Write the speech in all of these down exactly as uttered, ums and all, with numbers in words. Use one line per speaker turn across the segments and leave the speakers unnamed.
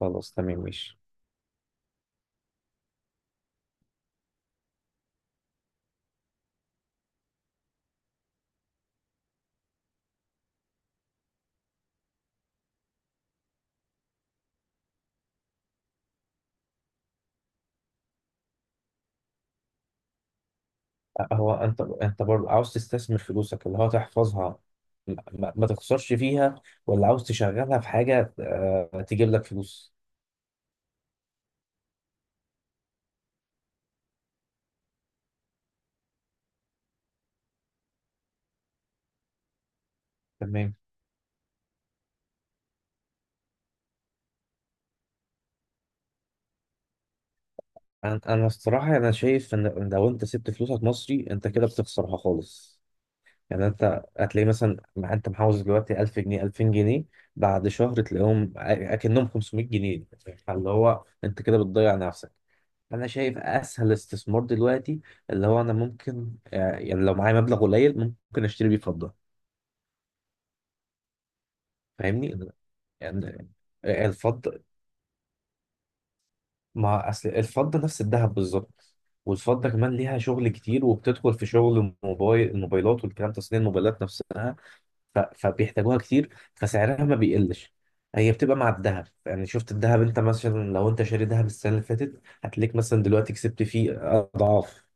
خلاص، تمام، ماشي. هو انت انت برضه عاوز تستثمر فلوسك اللي هو تحفظها، ما, ما تخسرش فيها، ولا عاوز تشغلها في حاجة آه، تجيب لك فلوس؟ تمام. انا أنا الصراحة انا شايف ان إن لو انت سبت فلوسك مصري، انت كده بتخسرها خالص. يعني انت هتلاقي مثلا، ما انت محوز دلوقتي ألف جنيه ألفين جنيه، بعد شهر تلاقيهم أ- اكنهم خمسمية جنيه. فاللي هو انت كده بتضيع نفسك. انا شايف اسهل استثمار دلوقتي، اللي هو انا ممكن آه، يعني لو معايا مبلغ قليل، ممكن اشتري بيه فضة. فاهمني؟ يعني الفضة، ما اصل الفضة نفس الذهب بالظبط. والفضة كمان ليها شغل كتير، وبتدخل في شغل الموبايل الموبايلات والكلام، تصنيع الموبايلات نفسها. ف... فبيحتاجوها كتير، فسعرها ما بيقلش. هي بتبقى مع الذهب. يعني شفت الذهب انت، مثلا لو انت شاري ذهب السنة اللي فاتت، هتلاقيك مثلا دلوقتي كسبت فيه اضعاف.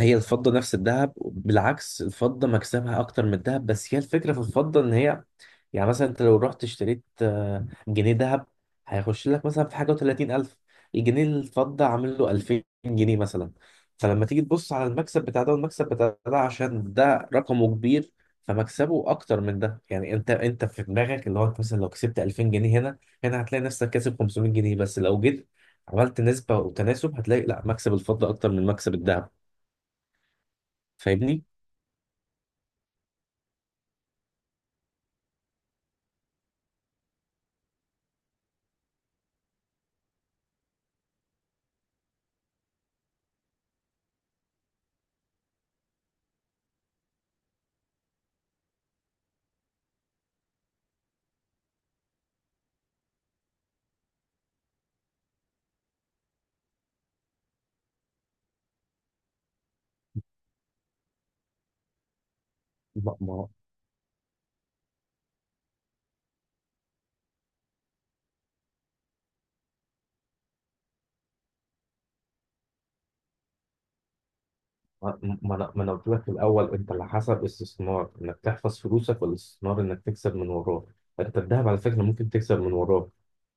هي الفضة نفس الذهب، بالعكس الفضة مكسبها أكتر من الذهب. بس هي الفكرة في الفضة إن هي، يعني مثلا أنت لو رحت اشتريت آه، جنيه ذهب، هيخش لك مثلا في حاجة وتلاتين ألف. الجنيه الفضة عامل له ألفين جنيه مثلا. فلما تيجي تبص على المكسب بتاع ده والمكسب بتاع ده، عشان ده رقمه كبير، فمكسبه أكتر من ده. يعني أنت أنت في دماغك اللي هو أنت مثلا لو كسبت ألفين جنيه هنا هنا هتلاقي نفسك كاسب خمسمائة جنيه بس. لو جيت عملت نسبة وتناسب، هتلاقي لا، مكسب الفضة أكتر من مكسب الذهب. فاهمني؟ ما ما ما ما انا ما أنا قلت لك في الاول، انت اللي حسب استثمار انك تحفظ فلوسك، ولا استثمار انك تكسب من وراه؟ انت الذهب على فكره ممكن تكسب من وراه،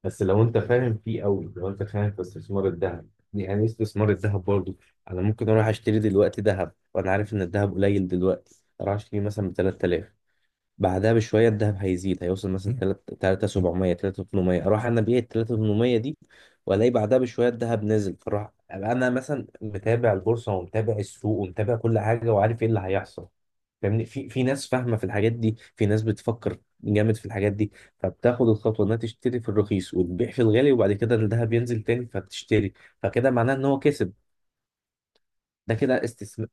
بس لو انت فاهم فيه قوي، لو انت فاهم في استثمار الذهب. يعني إيه استثمار الذهب برضو؟ انا ممكن اروح اشتري دلوقتي ذهب، وانا عارف ان الذهب قليل دلوقتي، اروح اشتري مثلا ب ثلاثة آلاف، بعدها بشوية الذهب هيزيد، هيوصل مثلا تلات- تلاتة وسبعمية تلاتة وتمنمية، أروح أنا أبيع ال ثلاثة آلاف وثمانمائة دي، وألاقي بعدها بشوية الذهب نزل، فأروح أبقى أنا مثلا متابع البورصة ومتابع السوق ومتابع كل حاجة، وعارف إيه اللي هيحصل. فاهمني؟ في في ناس فاهمة في الحاجات دي، في ناس بتفكر جامد في الحاجات دي، فبتاخد الخطوة إنها تشتري في الرخيص وتبيع في الغالي، وبعد كده الذهب ينزل تاني فبتشتري. فكده معناه إن هو كسب. ده كده استثمار.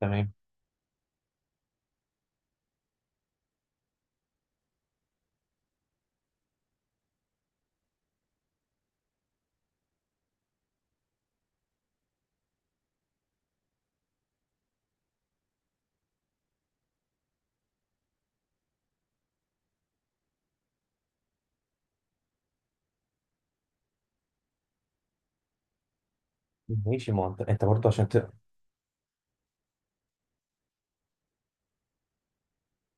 تمام؟ ماشي. ما هو انت انت برضه عشان ت-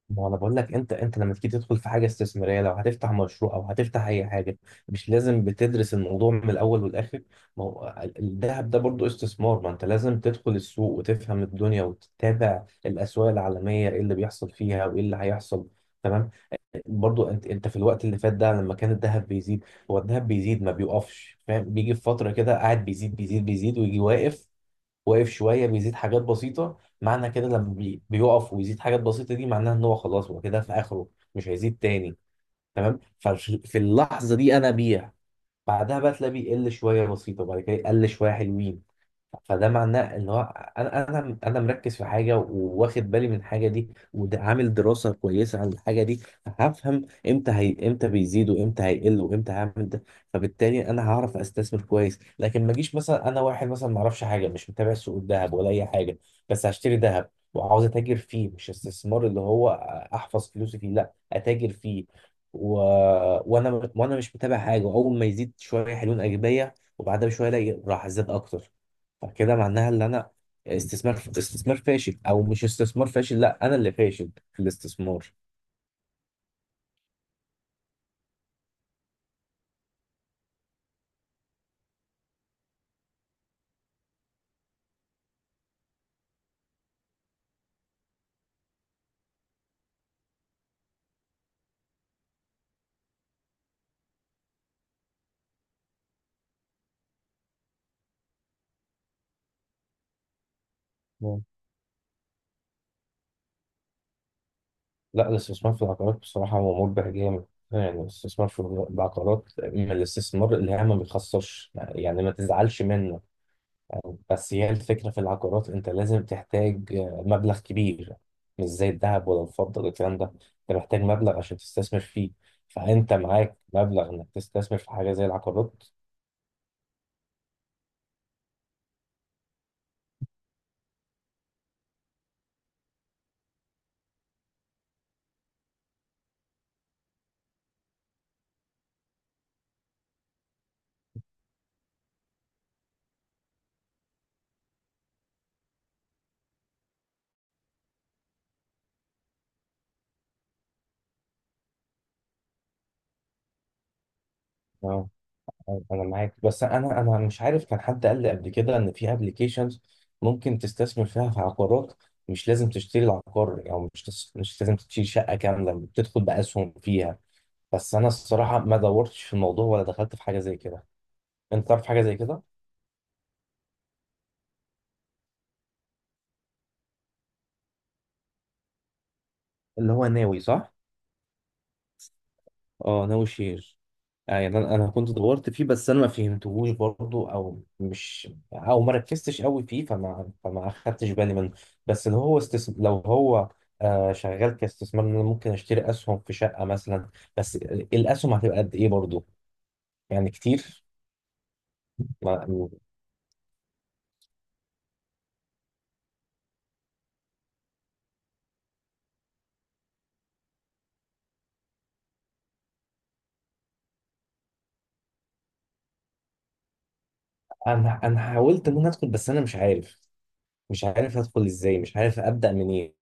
ما انا بقول لك، انت انت لما تيجي تدخل في حاجه استثماريه، لو هتفتح مشروع او هتفتح اي حاجه، مش لازم بتدرس الموضوع من الاول والاخر؟ ما هو ال- الذهب ده برضو استثمار. ما انت لازم تدخل السوق وتفهم الدنيا، وتتابع الاسواق العالميه ايه اللي بيحصل فيها وايه اللي هيحصل. تمام. برضو انت انت في الوقت اللي فات ده لما كان الذهب بيزيد، هو الذهب بيزيد ما بيوقفش، فاهم؟ بيجي في فتره كده قاعد بيزيد بيزيد بيزيد، ويجي واقف، واقف شويه، بيزيد حاجات بسيطه. معنى كده لما بي بيقف ويزيد حاجات بسيطه دي، معناها ان هو خلاص، هو كده في اخره. مش هيزيد تاني. تمام. ففي اللحظه دي انا بيع. بعدها بقى تلاقيه بيقل شويه بسيطه، وبعد كده يقل شويه حلوين. فده معناه ان هو، انا انا انا مركز في حاجه، وواخد بالي من الحاجه دي، وعامل دراسه كويسه عن الحاجه دي. هفهم امتى هي امتى بيزيد وامتى هيقل وامتى هعمل ده. فبالتالي انا هعرف استثمر كويس. لكن ما اجيش مثلا انا واحد مثلا ما اعرفش حاجه، مش متابع سوق الذهب ولا اي حاجه، بس هشتري ذهب وعاوز اتاجر فيه. مش استثمار اللي هو احفظ فلوسي فيه، لا اتاجر فيه. و... وانا وانا مش متابع حاجه، واول ما يزيد شويه حلوين اجي بيع. وبعدها بشويه الاقي راح زاد اكتر. فكده معناها ان انا استثمار استثمار فاشل. او مش استثمار فاشل، لا، انا اللي فاشل في الاستثمار. مم. لا، الاستثمار في العقارات بصراحة هو مربح جامد. يعني الاستثمار في العقارات من الاستثمار اللي هي ما بيخسرش، يعني ما تزعلش منه. بس هي الفكرة في العقارات، انت لازم تحتاج مبلغ كبير، مش زي الذهب ولا الفضة ولا الكلام ده. انت محتاج مبلغ عشان تستثمر فيه. فانت معاك مبلغ انك تستثمر في حاجة زي العقارات؟ انا معاك، بس انا انا مش عارف، كان حد قال لي قبل كده ان في ابلكيشنز ممكن تستثمر فيها في عقارات. مش لازم تشتري العقار، او مش تس... مش لازم تشتري شقه كامله، بتدخل باسهم فيها. بس انا الصراحه ما دورتش في الموضوع، ولا دخلت في حاجه زي كده. انت تعرف حاجه زي كده؟ اللي هو ناوي، صح؟ اه، ناوي شير. آه، يعني انا أنا كنت دورت فيه، بس انا ما فهمتهوش برضه، او مش او ما ركزتش قوي فيه، فما فما اخدتش بالي منه. بس لو هو استثم... لو هو آه شغال كاستثمار ان انا ممكن اشتري اسهم في شقه مثلا. بس الاسهم هتبقى قد ايه برضه؟ يعني كتير. ما... انا انا حاولت ان انا ادخل، بس انا مش عارف. مش عارف ادخل ازاي، مش عارف ابدا منين.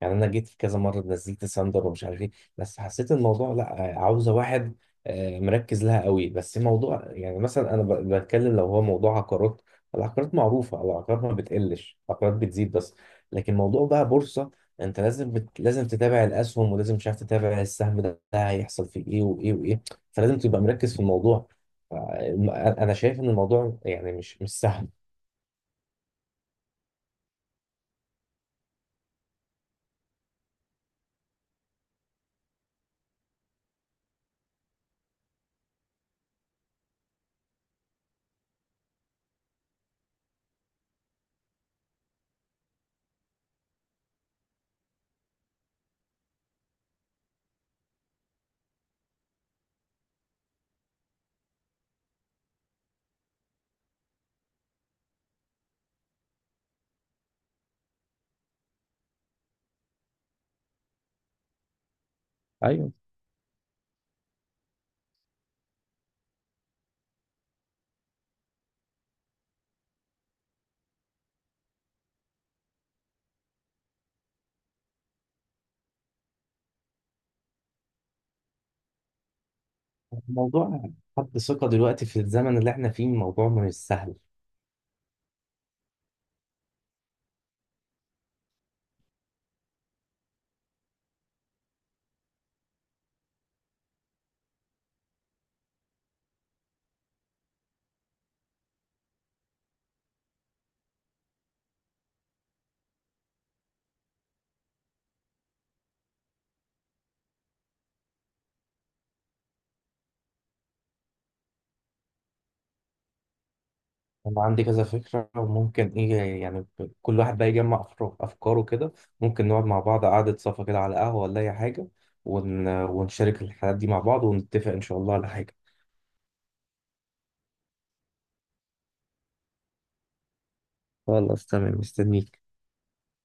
يعني انا جيت في كذا مره، نزلت ساندر ومش عارف ايه. بس حسيت الموضوع لا، عاوزه واحد آه، مركز لها قوي. بس موضوع يعني مثلا انا ب- بتكلم لو هو موضوع عقارات، العقارات معروفه، العقارات ما بتقلش، العقارات بتزيد بس. لكن موضوع بقى بورصه، انت لازم بت... لازم تتابع الاسهم، ولازم مش عارف تتابع السهم ده ده هيحصل فيه ايه وايه وايه. فلازم تبقى مركز في الموضوع. ف- الم- انا شايف ان الموضوع يعني مش مش سهل. ايوه. موضوع حد ثقة دلوقتي في الزمن اللي احنا فيه الموضوع مش سهل. أنا عندي كذا فكرة. وممكن إيه، يعني ب- كل واحد بقى يجمع أفر- أفكاره كده. ممكن نقعد مع بعض قعدة صفا كده، على قهوة ولا أي حاجة، ون... ونشارك الحاجات دي مع بعض، ونتفق إن شاء الله على حاجة. خلاص، تمام، مستنيك.